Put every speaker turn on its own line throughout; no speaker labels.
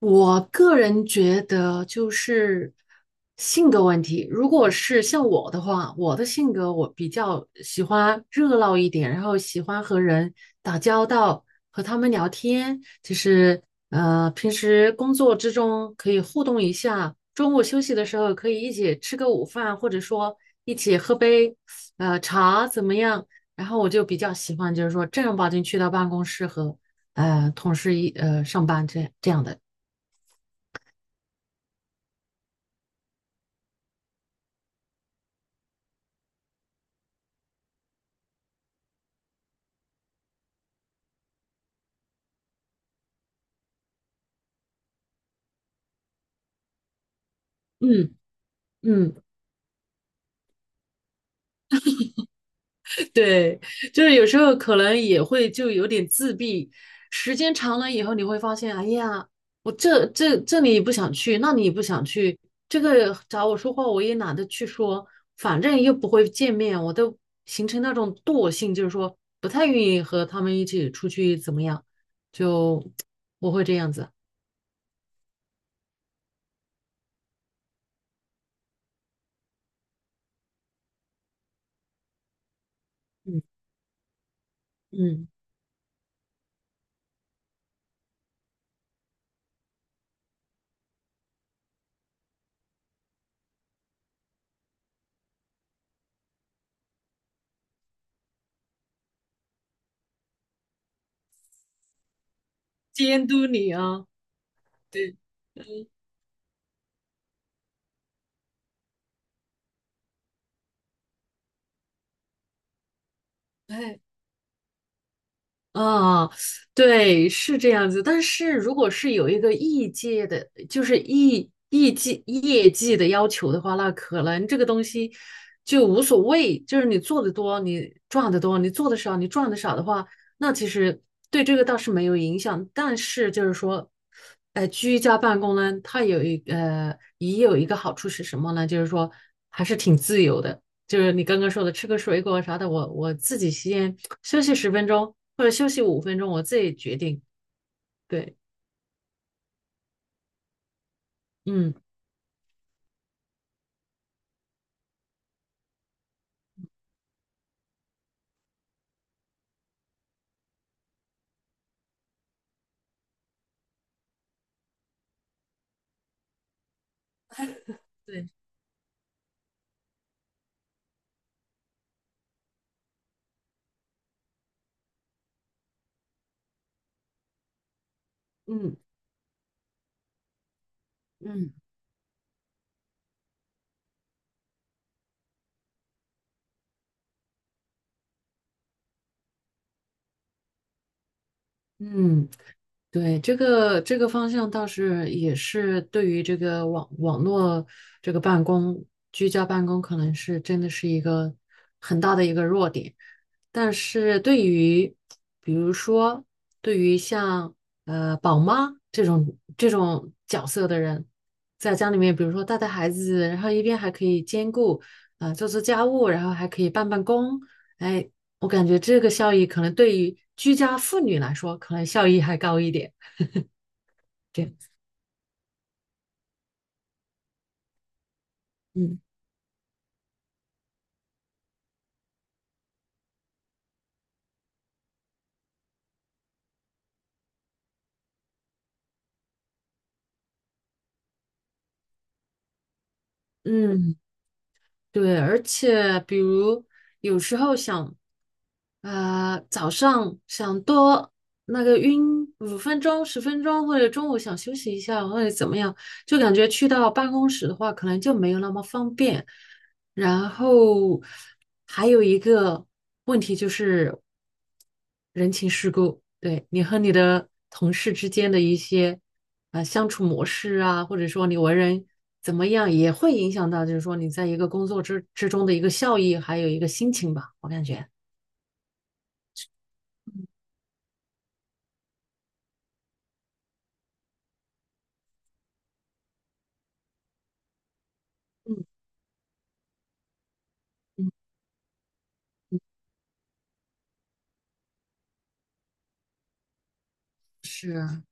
我个人觉得就是性格问题。如果是像我的话，我的性格我比较喜欢热闹一点，然后喜欢和人打交道，和他们聊天，就是平时工作之中可以互动一下，中午休息的时候可以一起吃个午饭，或者说一起喝杯茶怎么样？然后我就比较喜欢就是说正儿八经去到办公室和同事上班这样的。嗯嗯，对，就是有时候可能也会就有点自闭，时间长了以后你会发现，哎呀，我这里不想去，那里也不想去，这个找我说话我也懒得去说，反正又不会见面，我都形成那种惰性，就是说不太愿意和他们一起出去怎么样，就我会这样子。嗯嗯，监督你啊。对。哎。啊，对，是这样子。但是如果是有一个业界的，就是业绩的要求的话，那可能这个东西就无所谓。就是你做的多，你赚的多；你做的少，你赚的少的话，那其实对这个倒是没有影响。但是就是说，居家办公呢，它也有一个好处是什么呢？就是说还是挺自由的。就是你刚刚说的吃个水果啥的，我自己先休息十分钟或者休息五分钟，我自己决定。对。嗯，对。嗯嗯嗯。对，这个方向倒是也是对于这个网络这个办公、居家办公，可能是真的是一个很大的一个弱点。但是对于比如说对于像宝妈这种角色的人，在家里面，比如说带孩子，然后一边还可以兼顾做家务，然后还可以办公，哎，我感觉这个效益可能对于居家妇女来说，可能效益还高一点。对。嗯嗯，对，而且比如有时候想，早上想多那个晕五分钟、十分钟，或者中午想休息一下，或者怎么样，就感觉去到办公室的话，可能就没有那么方便。然后还有一个问题就是人情世故，对你和你的同事之间的一些相处模式啊，或者说你为人怎么样，也会影响到就是说你在一个工作之中的一个效益，还有一个心情吧，我感觉。嗯嗯嗯，是，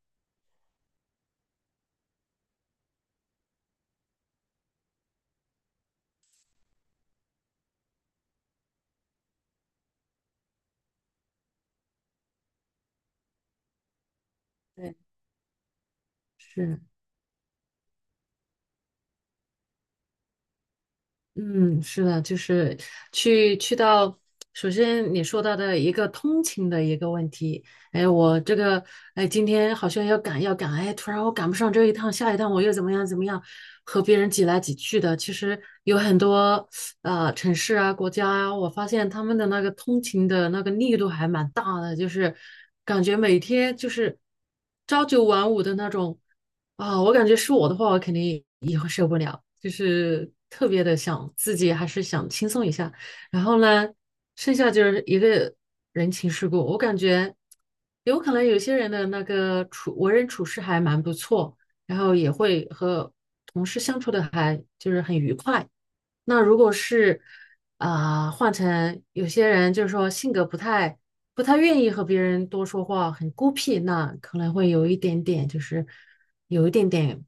对，是。嗯，是的，就是去到，首先你说到的一个通勤的一个问题，哎，我这个，哎，今天好像要赶，哎，突然我赶不上这一趟，下一趟我又怎么样怎么样，和别人挤来挤去的。其实有很多城市啊、国家啊，我发现他们的那个通勤的那个力度还蛮大的，就是感觉每天就是朝九晚五的那种。啊，我感觉是我的话，我肯定也会受不了，就是特别的想自己还是想轻松一下。然后呢，剩下就是一个人情世故，我感觉有可能有些人的那个为人处事还蛮不错，然后也会和同事相处的还就是很愉快。那如果是啊、换成有些人就是说性格不太愿意和别人多说话，很孤僻，那可能会有一点点就是有一点点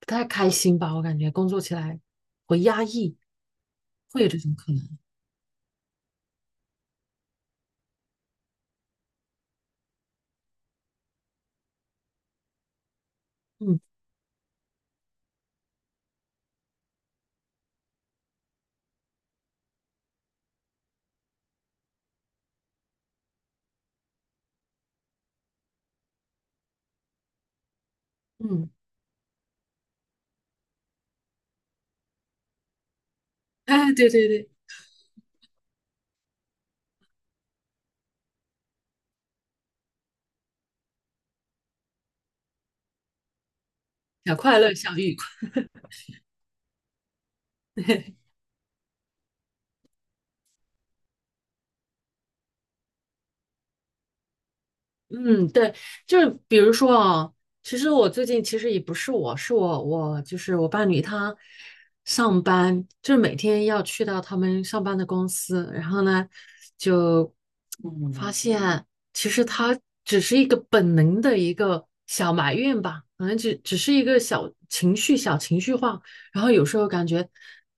不太开心吧，我感觉工作起来会压抑，会有这种可能。嗯嗯，哎，对对对，小快乐，小愉快。嗯，对，就是比如说啊，其实我最近其实也不是我，是我就是我伴侣他上班，就是每天要去到他们上班的公司，然后呢，就发现其实他只是一个本能的一个小埋怨吧，可能只是一个小情绪、小情绪化，然后有时候感觉，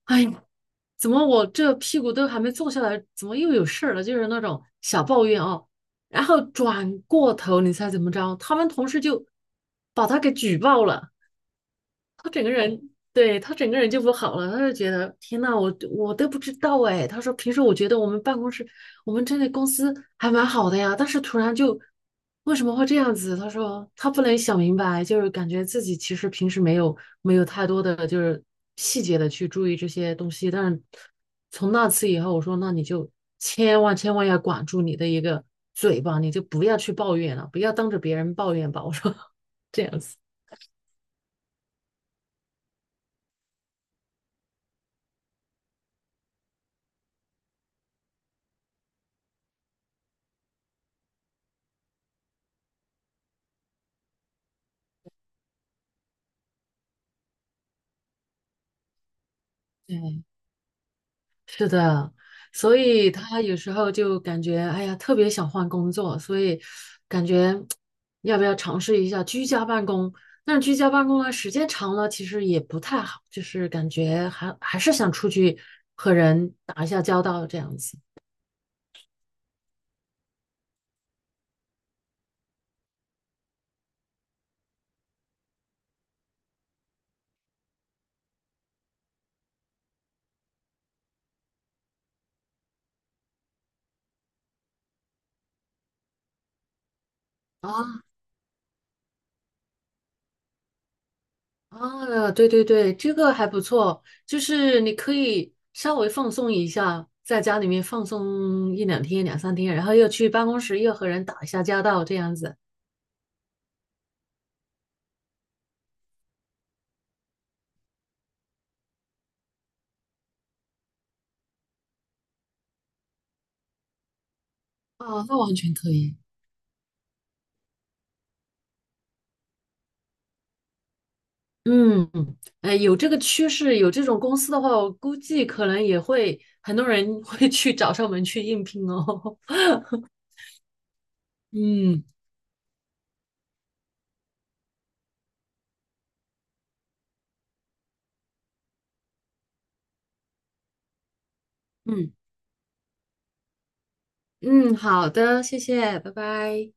哎呀，怎么我这屁股都还没坐下来，怎么又有事儿了？就是那种小抱怨啊、然后转过头，你猜怎么着？他们同事就把他给举报了。他整个人，对，他整个人就不好了，他就觉得天呐，我都不知道哎。他说平时我觉得我们办公室，我们这里公司还蛮好的呀，但是突然就为什么会这样子？他说他不能想明白，就是感觉自己其实平时没有太多的就是细节的去注意这些东西，但是从那次以后，我说那你就千万千万要管住你的一个嘴巴，你就不要去抱怨了，不要当着别人抱怨吧。我说 这样子。对，是的。所以他有时候就感觉，哎呀，特别想换工作，所以感觉要不要尝试一下居家办公？但是居家办公呢，时间长了其实也不太好，就是感觉还是想出去和人打一下交道这样子。啊啊，对对对，这个还不错，就是你可以稍微放松一下，在家里面放松一两天、两三天，然后又去办公室又和人打一下交道这样子。啊，那完全可以。嗯，有这个趋势，有这种公司的话，我估计可能也会很多人 会去找上门去应聘哦。嗯嗯嗯，好的，谢谢，拜拜。